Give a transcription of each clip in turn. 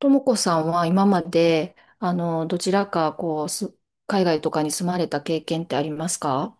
ともこさんは今まで、どちらか、海外とかに住まれた経験ってありますか？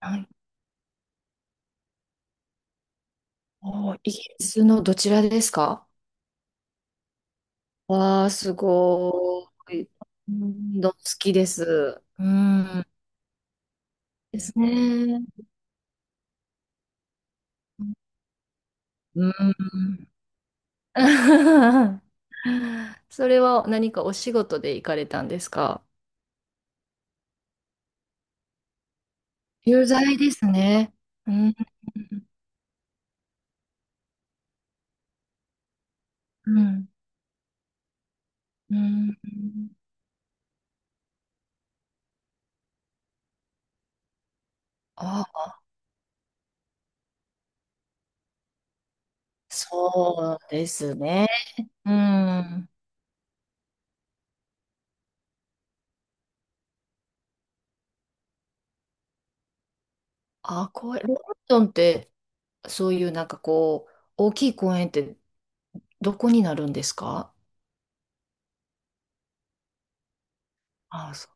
はい。お、イギリスのどちらですか？わあ、すごい。うん、好きです。うん。ですね。うん。それは何かお仕事で行かれたんですか？有罪ですね。うん。うん。うん。あ、そうですね。うん。あ、公園、ロンドンって、そういうなんか大きい公園ってどこになるんですか？あ、そう。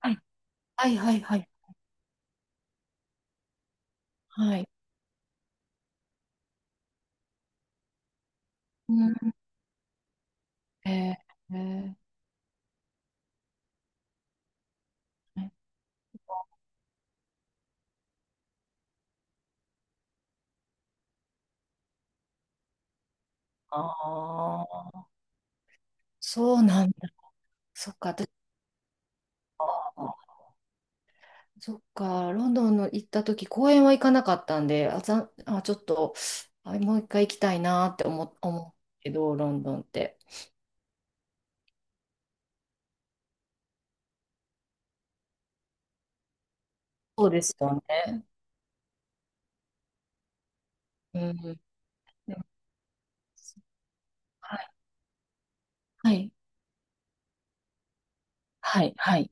はい、はい、はい、はい。はい。うん。えー、えーああ、そうなんだ。そっか、私、あーそっか、ロンドンの行った時、公園は行かなかったんで、あ、あ、ちょっと、あ、もう一回行きたいなって思うけど、ロンドンって。そうですよね。うん。でも、はい。はい。はい。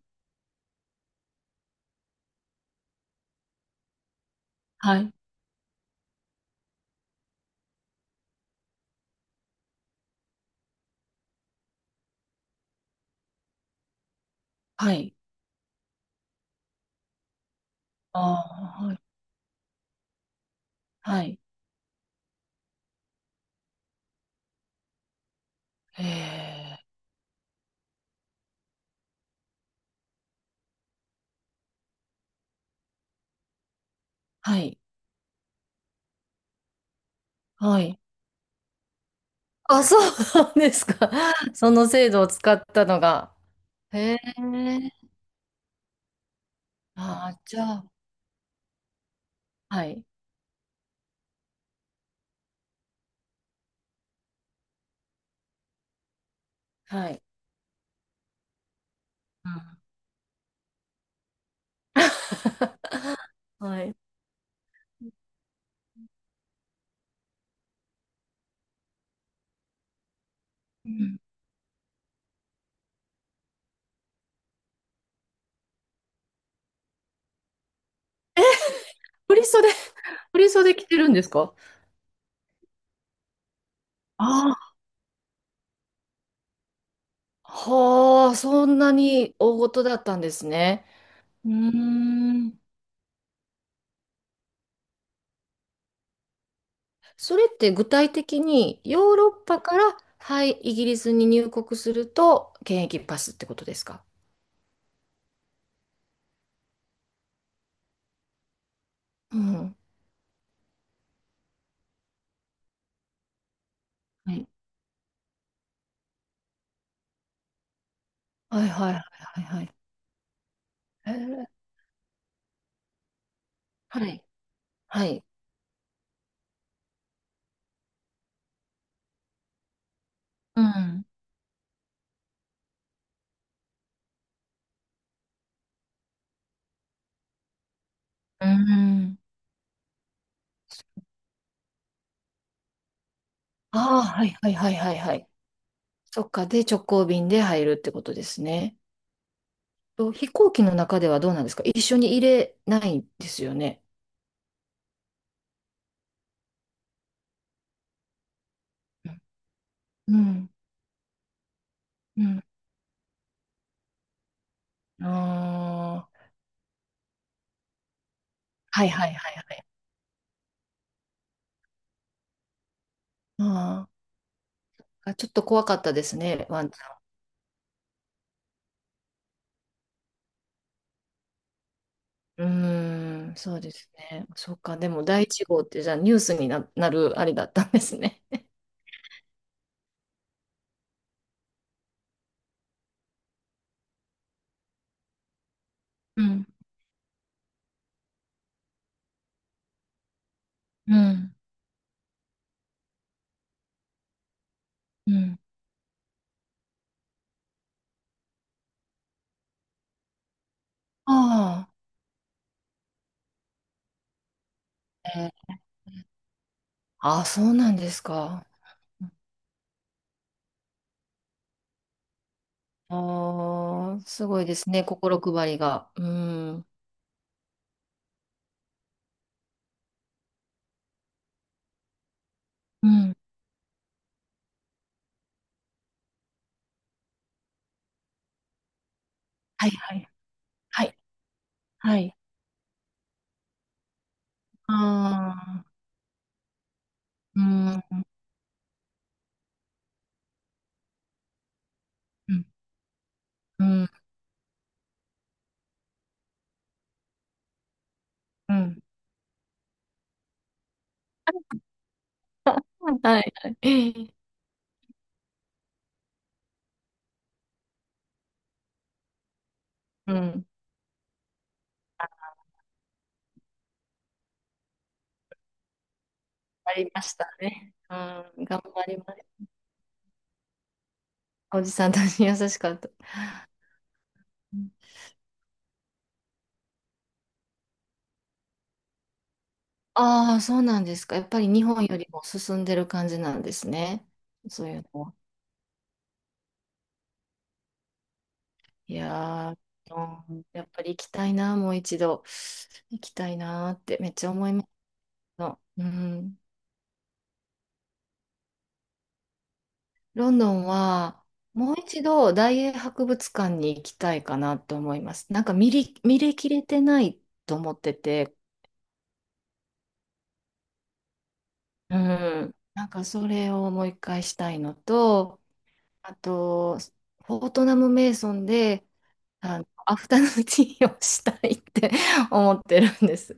はい。はい。はい。ああ、はい。はい。ええ、はい。はい。あ、そうなんですか。その制度を使ったのが。へえ。ああ、じゃあ。はい。はい。うん。はい。うん。ソん振り袖、振り袖着てるんですか？ああ、はあ、そんなに大事だったんですね。うーん。それって具体的にヨーロッパから、はい、イギリスに入国すると検疫パスってことですか？うん。はい。はいはいはいはいはい。へー、はい。はい。うん。うん。ああ、はいはいはいはいはい。そっか。で、直行便で入るってことですね。と飛行機の中ではどうなんですか？一緒に入れないんですよね。うん。うん。うん。ああ、はいはいはいはい。ああ、ちょっと怖かったですね。ワンちうーん、そうですね。そっか、でも第一号ってじゃあニュースになるあれだったんですね。うん、うん、うん。ああ、そうなんですか。ああ、すごいですね、心配りが。うん、うん、はいはい、はい、はい。ああ、うん、うん、うん、うん。はいはい。うん、ありましたね。うん、頑張ります。おじさんたち優しかった。ああ、そうなんですか。やっぱり日本よりも進んでる感じなんですね。そういうのは。いやー、うん、やっぱり行きたいな、もう一度。行きたいなーってめっちゃ思いますの。うん。ロンドンは、もう一度大英博物館に行きたいかなと思います。なんか見れきれてないと思ってて、うん。なんかそれをもう一回したいのと、あと、フォートナム・メイソンで、アフタヌーンティーをしたいって 思ってるんです。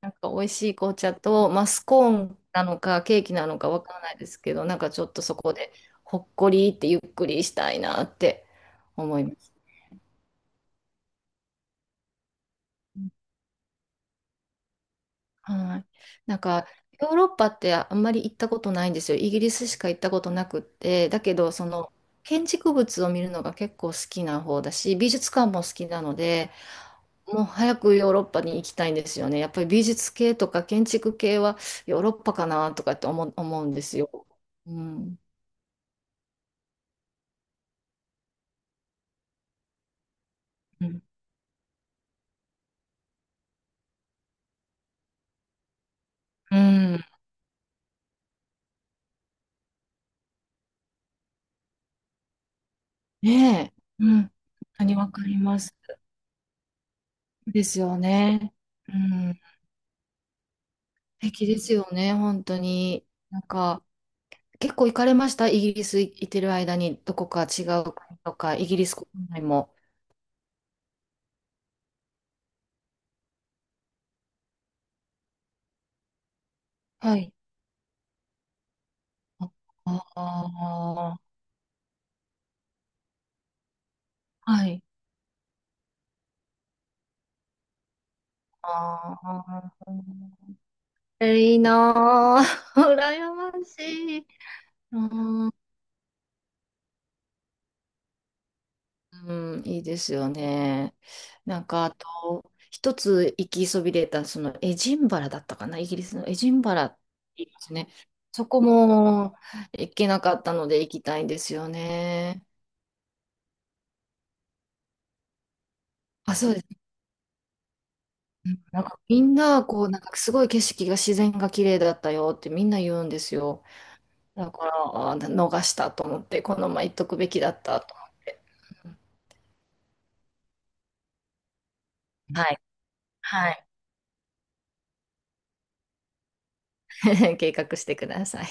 なんか美味しい紅茶と、まあ、スコーンなのかケーキなのかわからないですけど、なんかちょっとそこでほっこりってゆっくりしたいなって思います。はい。なんかヨーロッパってあんまり行ったことないんですよ。イギリスしか行ったことなくって、だけどその建築物を見るのが結構好きな方だし、美術館も好きなので、もう早くヨーロッパに行きたいんですよね。やっぱり美術系とか建築系はヨーロッパかなとかって思うんですよ。うん。うん。うん、ねえ。うん。本当にわかります。ですよね。うん。素敵ですよね、本当に。なんか、結構行かれました？イギリス行ってる間に、どこか違う国とか、イギリス国内も。はい。ああー、はい。ああ。え、いいなぁ。羨ましい。うん、うん、いいですよね。なんか、あと、一つ行きそびれた、そのエジンバラだったかな、イギリスのエジンバラって言いますね。そこも行けなかったので行きたいんですよね。あ、そうです。なんかみんな、なんかすごい景色が自然が綺麗だったよってみんな言うんですよ。だから、あ、逃したと思って、このまま行っとくべきだったと思って。はい。はい。計画してください。